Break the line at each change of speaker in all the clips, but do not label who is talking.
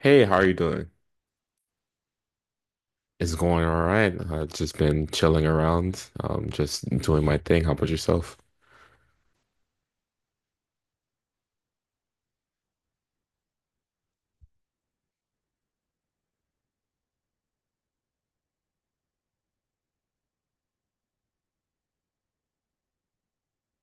Hey, how are you doing? It's going all right. I've just been chilling around, just doing my thing. How about yourself?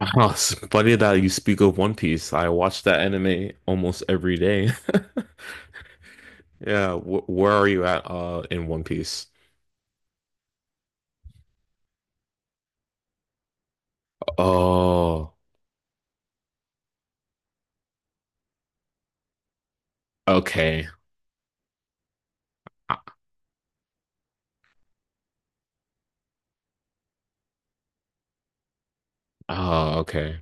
Oh, it's funny that you speak of One Piece. I watch that anime almost every day. Yeah, wh where are you at, in One Piece? Oh, okay. Oh, okay.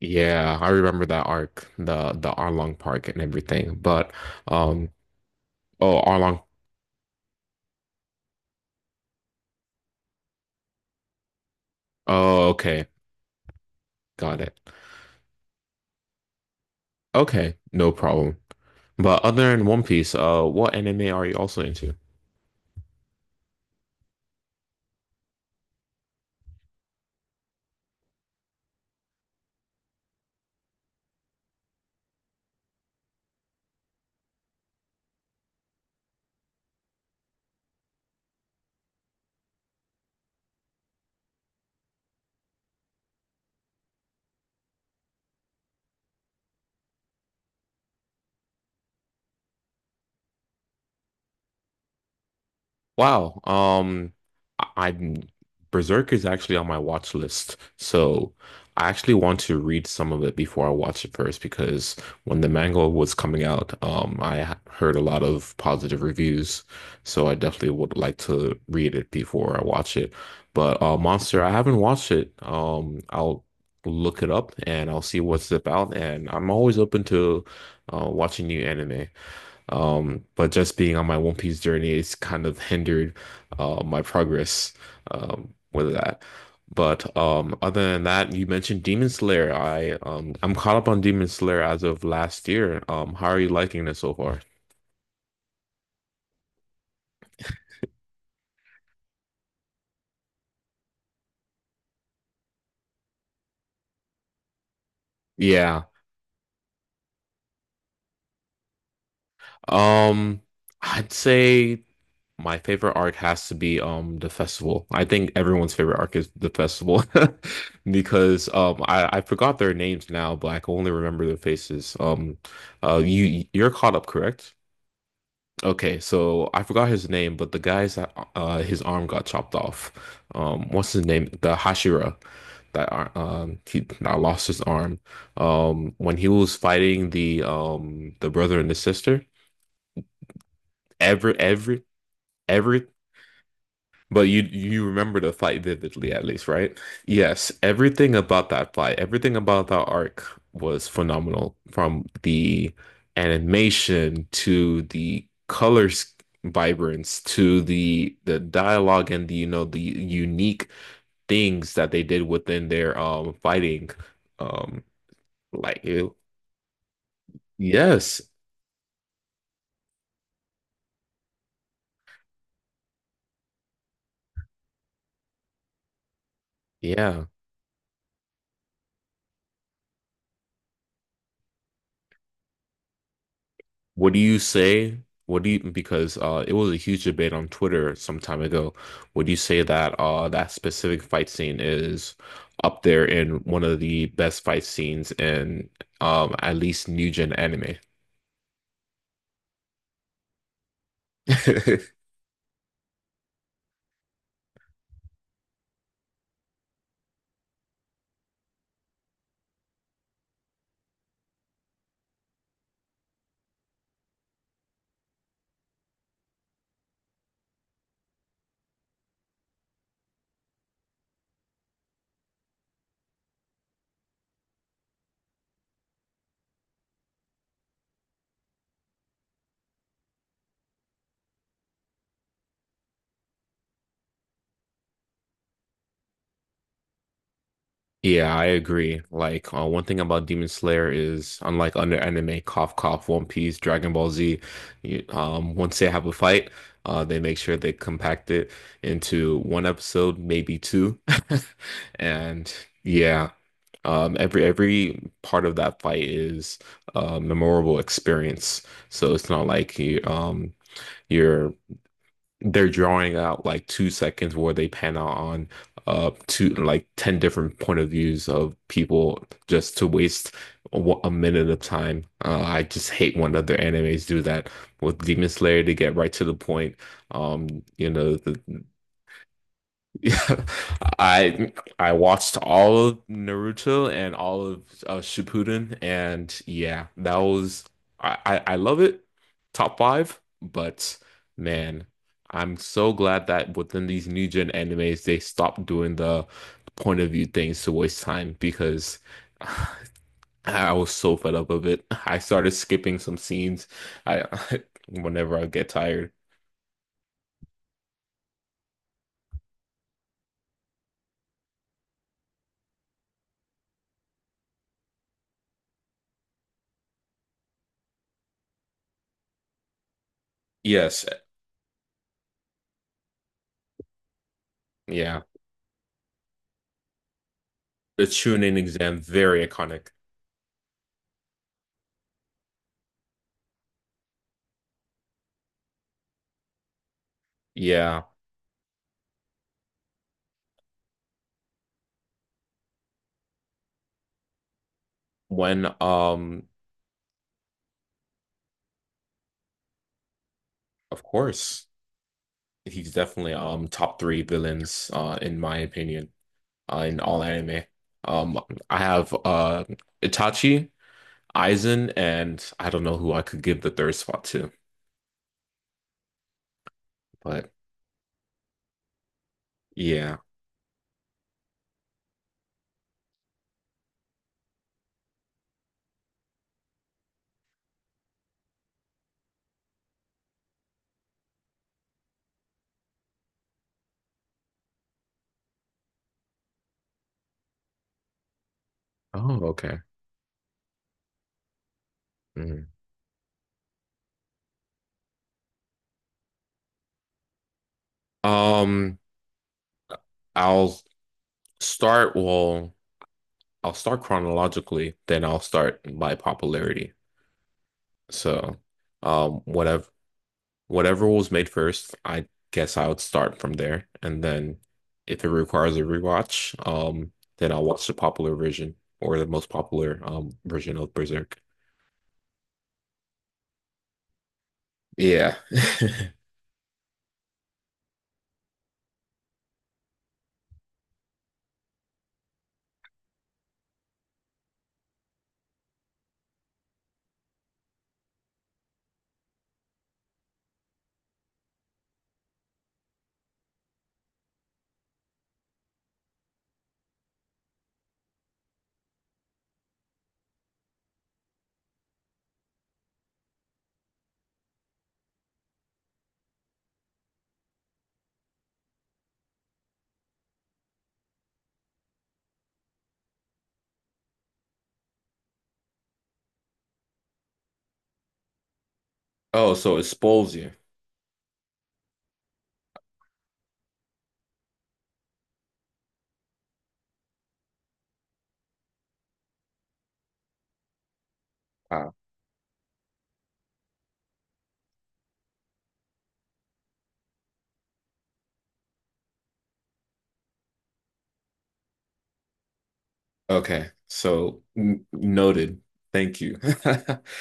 Yeah, I remember that arc, the Arlong Park and everything. But um, oh, Arlong. Oh, okay, got it. Okay, no problem. But other than One Piece, what anime are you also into? Wow. I- I'm Berserk is actually on my watch list, so I actually want to read some of it before I watch it first because when the manga was coming out, I heard a lot of positive reviews, so I definitely would like to read it before I watch it. But Monster, I haven't watched it. I'll look it up and I'll see what's about, and I'm always open to watching new anime. But just being on my One Piece journey is kind of hindered my progress with that. But other than that, you mentioned Demon Slayer. I'm caught up on Demon Slayer as of last year. How are you liking it so far? Yeah. Um, I'd say. My favorite arc has to be the festival. I think everyone's favorite arc is the festival because I forgot their names now, but I can only remember their faces. You're caught up, correct? Okay, so I forgot his name, but the guy's that his arm got chopped off. What's his name? The Hashira that he that lost his arm. When he was fighting the brother and the sister, every every every but you remember the fight vividly, at least, right? Yes, everything about that fight, everything about that arc was phenomenal, from the animation to the colors vibrance to the dialogue and the you know the unique things that they did within their fighting um like it, yes yeah what do you say? What do you because it was a huge debate on Twitter some time ago. Would you say that that specific fight scene is up there in one of the best fight scenes in at least new gen anime? Yeah, I agree. Like, one thing about Demon Slayer is, unlike other anime, cough, cough, One Piece, Dragon Ball Z, once they have a fight, they make sure they compact it into one episode, maybe two. And yeah, every part of that fight is a memorable experience. So it's not like you, you're they're drawing out like 2 seconds where they pan out on two like 10 different point of views of people just to waste a, a minute of time. I just hate when other animes do that with Demon Slayer to get right to the point. Um, you know, the yeah, I I watched all of Naruto and all of Shippuden, and yeah, that was I love it, top five. But man, I'm so glad that within these new gen animes they stopped doing the point of view things to waste time because I was so fed up of it. I started skipping some scenes. I whenever I get tired. Yes, yeah, the Chunin exam very iconic. Yeah, when of course he's definitely top three villains in my opinion in all anime. Um I have Itachi, Aizen, and I don't know who I could give the third spot to, but yeah. Oh, okay. Mm. Um I'll start I'll start chronologically, then I'll start by popularity. So um whatever whatever was made first, I guess I would start from there. And then if it requires a rewatch, then I'll watch the popular version or the most popular version of Berserk. Yeah. Oh, so it spoils you. Wow. Okay. So n noted. Thank you.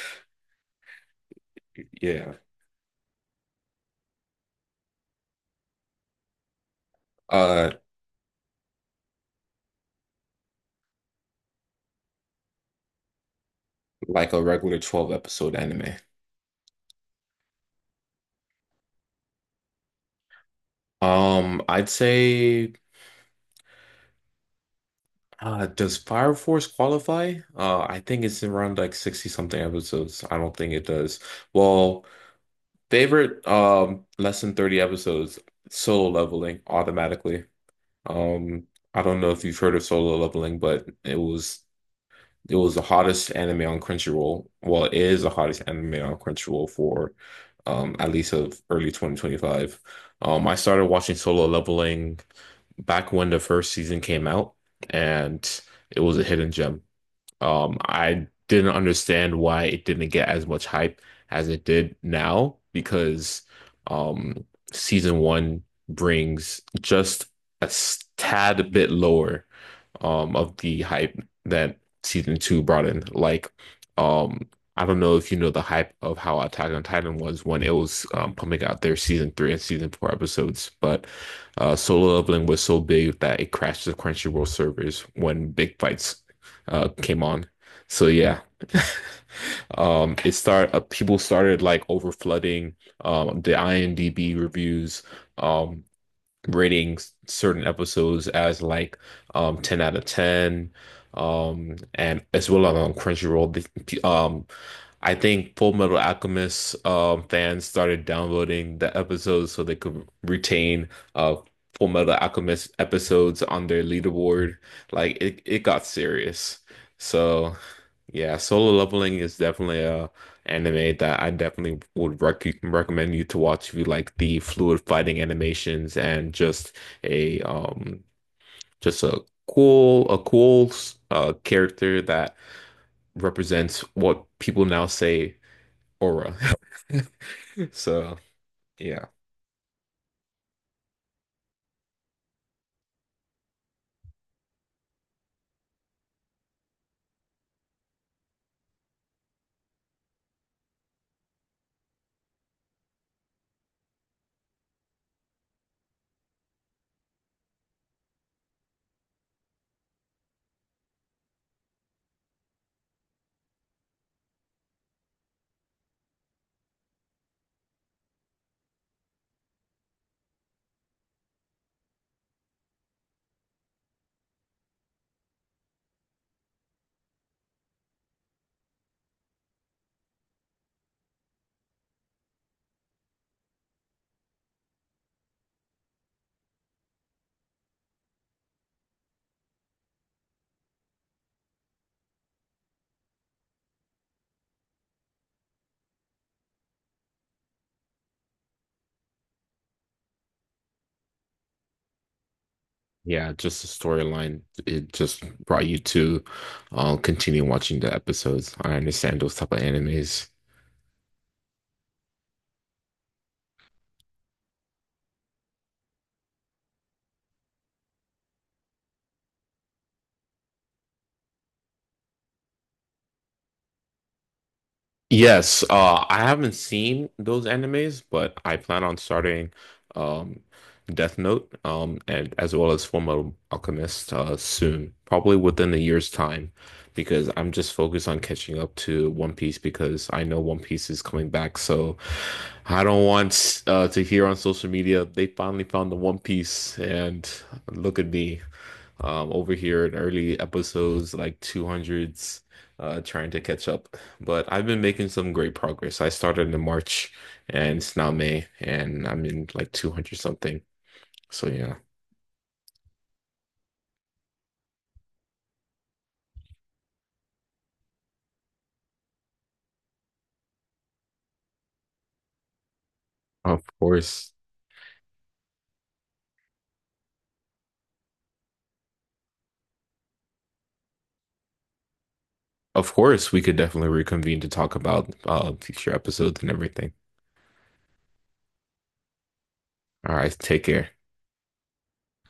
Yeah. Uh, like a regular 12 episode anime. I'd say. Does Fire Force qualify? I think it's around like 60 something episodes. I don't think it does. Well, favorite less than 30 episodes, solo leveling automatically. Um, I don't know if you've heard of solo leveling, but it was the hottest anime on Crunchyroll. Well, it is the hottest anime on Crunchyroll for at least of early 2025. I started watching Solo Leveling back when the first season came out, and it was a hidden gem. I didn't understand why it didn't get as much hype as it did now because um, season one brings just a tad bit lower of the hype that season two brought in. Like, um, I don't know if you know the hype of how Attack on Titan was when it was pumping out their season three and season four episodes, but Solo Leveling was so big that it crashed the Crunchyroll servers when big fights came on. So yeah, it start people started like over flooding the IMDb reviews. Um, rating certain episodes as like 10 out of 10 and as well on Crunchyroll I think Full Metal Alchemist fans started downloading the episodes so they could retain uh, Full Metal Alchemist episodes on their leaderboard. It got serious. So yeah, Solo Leveling is definitely a anime that I definitely would recommend you to watch if you like the fluid fighting animations and just a um a cool character that represents what people now say aura. So yeah, yeah, just the storyline. It just brought you to continue watching the episodes. I understand those type of animes. Yes, I haven't seen those animes, but I plan on starting um, Death Note and as well as Fullmetal Alchemist soon, probably within a year's time, because I'm just focused on catching up to One Piece because I know One Piece is coming back. So I don't want to hear on social media they finally found the One Piece, and look at me over here in early episodes like 200s trying to catch up. But I've been making some great progress. I started in March and it's now May and I'm in like 200 something. So yeah, of course. Of course, we could definitely reconvene to talk about future episodes and everything. All right, take care.